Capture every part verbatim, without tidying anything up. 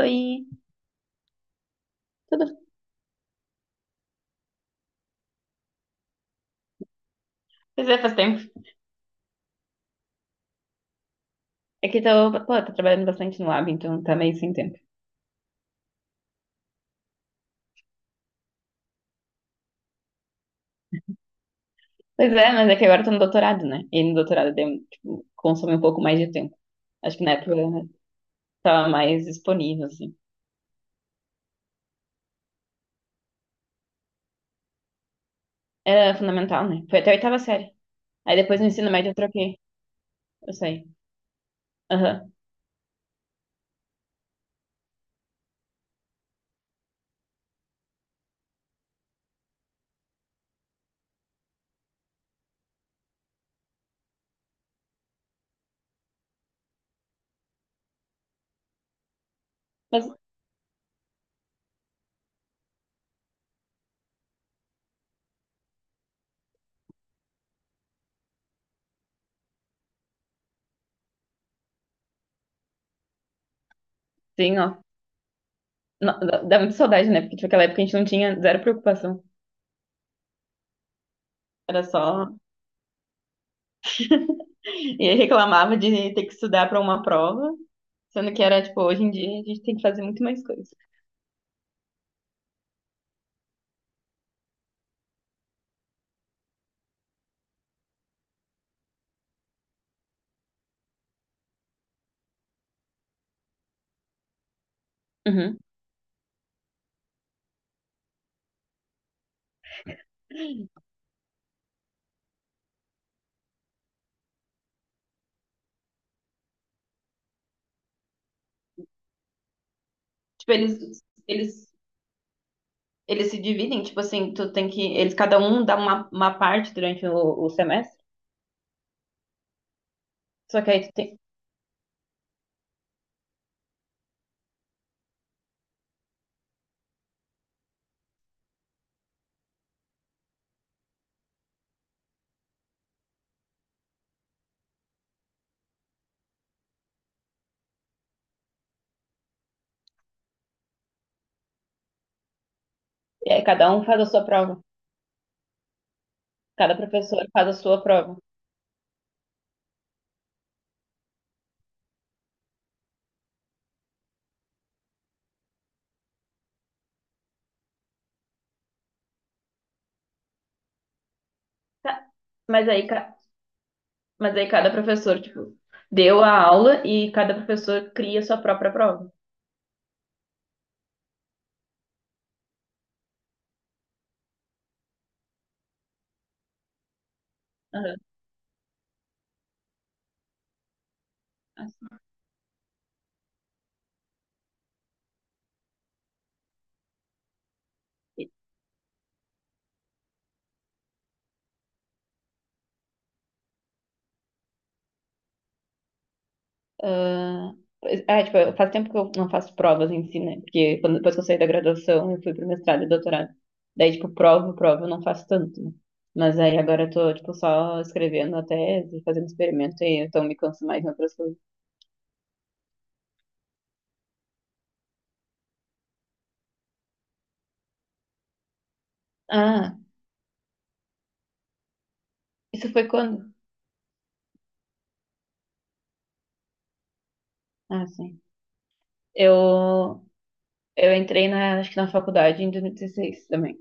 Oi, tudo? Pois é, faz tempo. É que tô, pô, tô trabalhando bastante no lab, então tá meio sem tempo. Pois é, mas é que agora eu tô no doutorado, né? E no doutorado tem, tipo, consome um pouco mais de tempo. Acho que na época eu tava mais disponível, assim. Era fundamental, né? Foi até a oitava série. Aí depois no ensino médio eu troquei. Eu saí. Aham. Mas, sim, ó. No- Dá dá muita saudade, né? Porque, tipo, naquela época a gente não tinha zero preocupação. Era só. E aí reclamava de ter que estudar pra uma prova, sendo que era, tipo, hoje em dia a gente tem que fazer muito mais coisa. Uhum. Tipo, eles, eles, eles se dividem, tipo assim, tu tem que. Eles, cada um dá uma, uma parte durante o, o semestre. Só que aí tu tem. é, cada um faz a sua prova. Cada professor faz a sua prova. Tá. Mas aí, ca- mas aí cada professor, tipo, deu a aula e cada professor cria a sua própria prova. Aham. assim. Ah, é, tipo, faz tempo que eu não faço provas em si, né? Porque quando, depois que eu saí da graduação, eu fui pro mestrado e doutorado. Daí, tipo, prova, prova, eu não faço tanto, né? Mas aí agora eu tô, tipo, só escrevendo a tese, fazendo experimento e então me canso mais em outras coisas. Ah, isso foi quando? Ah, sim. Eu, eu entrei na, acho que na faculdade em dois mil e dezesseis também.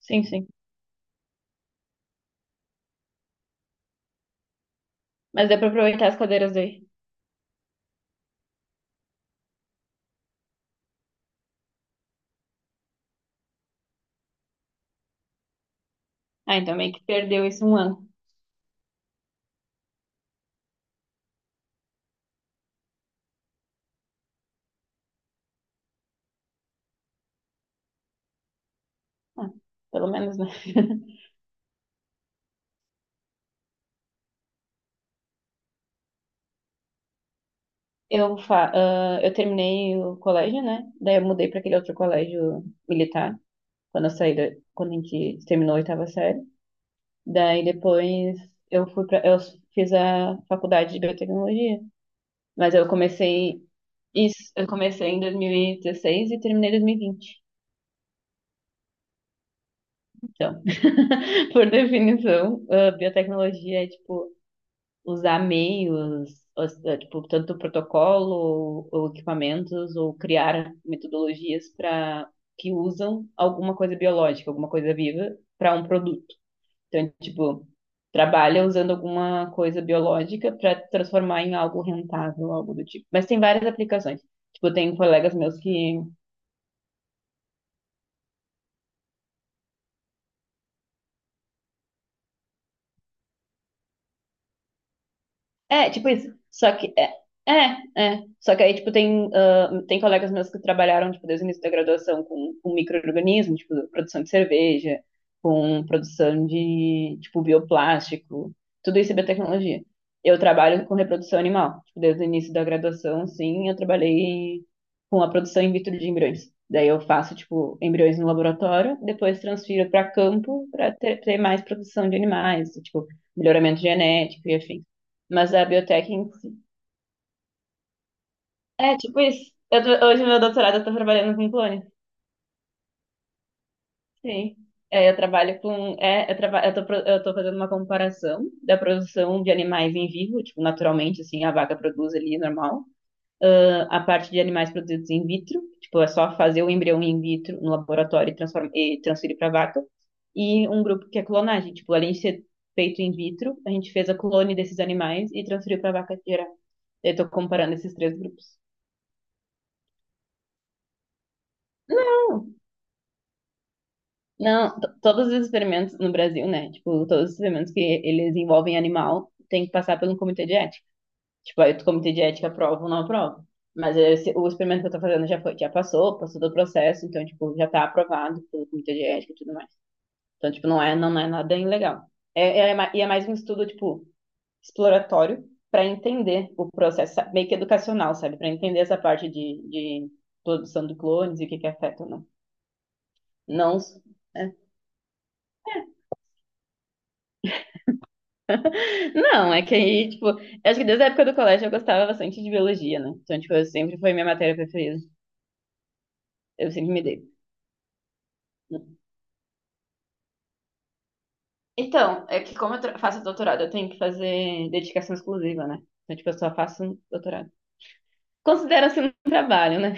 Sim, sim. Mas deu pra aproveitar as cadeiras daí. Ah, então meio que perdeu isso um ano. Ah, pelo menos, né? Eu, fa ah, eu terminei o colégio, né? Daí eu mudei para aquele outro colégio militar, quando eu saí, da- quando a gente terminou a oitava série. Daí depois eu fui para, eu fiz a faculdade de biotecnologia, mas eu comecei isso, eu comecei em dois mil e dezesseis e dezesseis e terminei em dois mil e vinte. Então, por definição, a biotecnologia é tipo usar meios, os- eh, tipo, tanto protocolo ou, ou equipamentos, ou criar metodologias para que usam alguma coisa biológica, alguma coisa viva para um produto. Então, tipo, trabalha usando alguma coisa biológica para transformar em algo rentável, algo do tipo. Mas tem várias aplicações. Tipo, tem colegas meus que. É, tipo isso. Só que é, é, é. Só que aí, tipo, tem, ah, tem colegas meus que trabalharam, tipo, desde o início da graduação com, com micro-organismo, tipo, produção de cerveja, com produção de, tipo, bioplástico, tudo isso é biotecnologia. Eu trabalho com reprodução animal, tipo, desde o início da graduação, sim, eu trabalhei com a produção in vitro de embriões. Daí eu faço, tipo, embriões no laboratório, depois transfiro para campo para ter, ter mais produção de animais, tipo, melhoramento genético e afim. Mas é a biotech em si. É, tipo isso. Eu tô- hoje, meu doutorado, eu tô trabalhando com clone. Sim. É, eu trabalho com. É, eu, traba, eu, tô, pro- eu tô fazendo uma comparação da produção de animais em vivo, tipo, naturalmente, assim, a vaca produz ali normal. A parte de animais produzidos in vitro, tipo, é só fazer o embrião in vitro no laboratório e, transforma, e transferir para vaca. E um grupo que é clonagem, tipo, além de ser feito in vitro, a gente fez a clone desses animais e transferiu para vaca geral. Eu tô comparando esses três grupos. Não, to- todos os experimentos no Brasil, né? Tipo, todos os experimentos que eles envolvem animal tem que passar pelo comitê de ética. Tipo, aí o comitê de ética aprova ou não aprova. Mas esse- o experimento que eu tô fazendo já foi, já passou, passou do processo, então, tipo, já tá aprovado pelo comitê de ética e tudo mais. Então, tipo, não é, não é, nada ilegal. É, é é ma- e é mais um estudo, tipo, exploratório para entender o processo, sa- meio que educacional, sabe? Para entender essa parte de, de produção de clones e o que que afeta ou não. Não. Não, é que aí, tipo, acho que desde a época do colégio eu gostava bastante de biologia, né? Então, tipo, eu sempre foi minha matéria preferida. Eu sempre me dei. Então, é que como eu tra- faço doutorado, eu tenho que fazer dedicação exclusiva, né? Então, tipo, eu só faço doutorado. Considera-se um trabalho, né?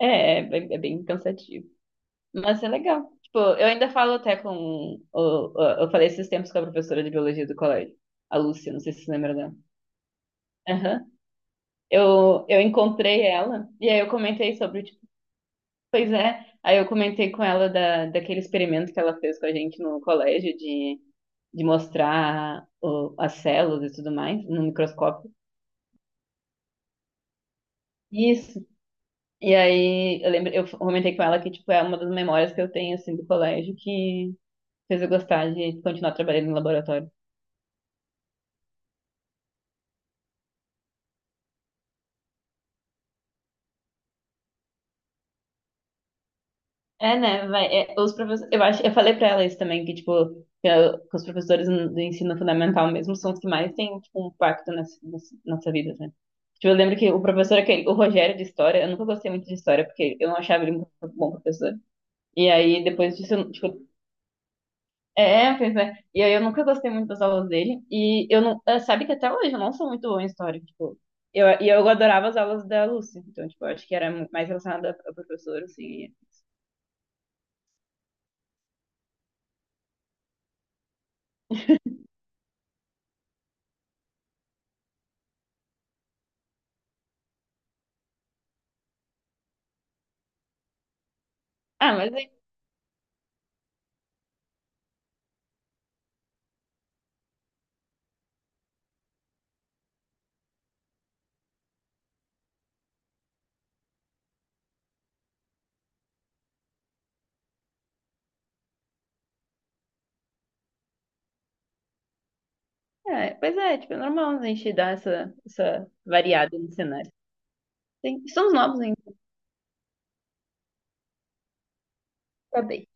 É, é, bem, é bem cansativo. Mas é legal. Tipo, eu ainda falo até com. o- o- Eu falei esses tempos com a professora de biologia do colégio, a Lúcia, não sei se você lembra dela. Aham. Eu, eu encontrei ela, e aí eu comentei sobre. Pois é, aí eu comentei com ela da, daquele experimento que ela fez com a gente no colégio de, de mostrar o- as células e tudo mais no microscópio. Isso. E aí eu lembro, eu comentei com ela que tipo é uma das memórias que eu tenho assim do colégio que fez eu gostar de continuar trabalhando em laboratório. É, né? Vai, é, os professores, eu acho, eu falei pra ela isso também, que, tipo, que, eu- que os professores no- do ensino fundamental mesmo são os que mais têm, tipo, um impacto nas, nas nossa vida, né? Tipo, eu lembro que o professor, aquele, o Rogério de História, eu nunca gostei muito de História, porque eu não achava ele muito bom professor. E aí, depois disso, eu, tipo, é, é, pois é. E aí eu nunca gostei muito das aulas dele, e eu não, eh, sabe que até hoje eu não sou muito boa em História, tipo, eu, e eu adorava as aulas da Lúcia, então, tipo, eu acho que era muito mais relacionada a professor, assim, ah, mas. É, pois é, tipo, é normal a gente dar essa, essa variada no cenário. Tem- estamos novos ainda. Tá bem.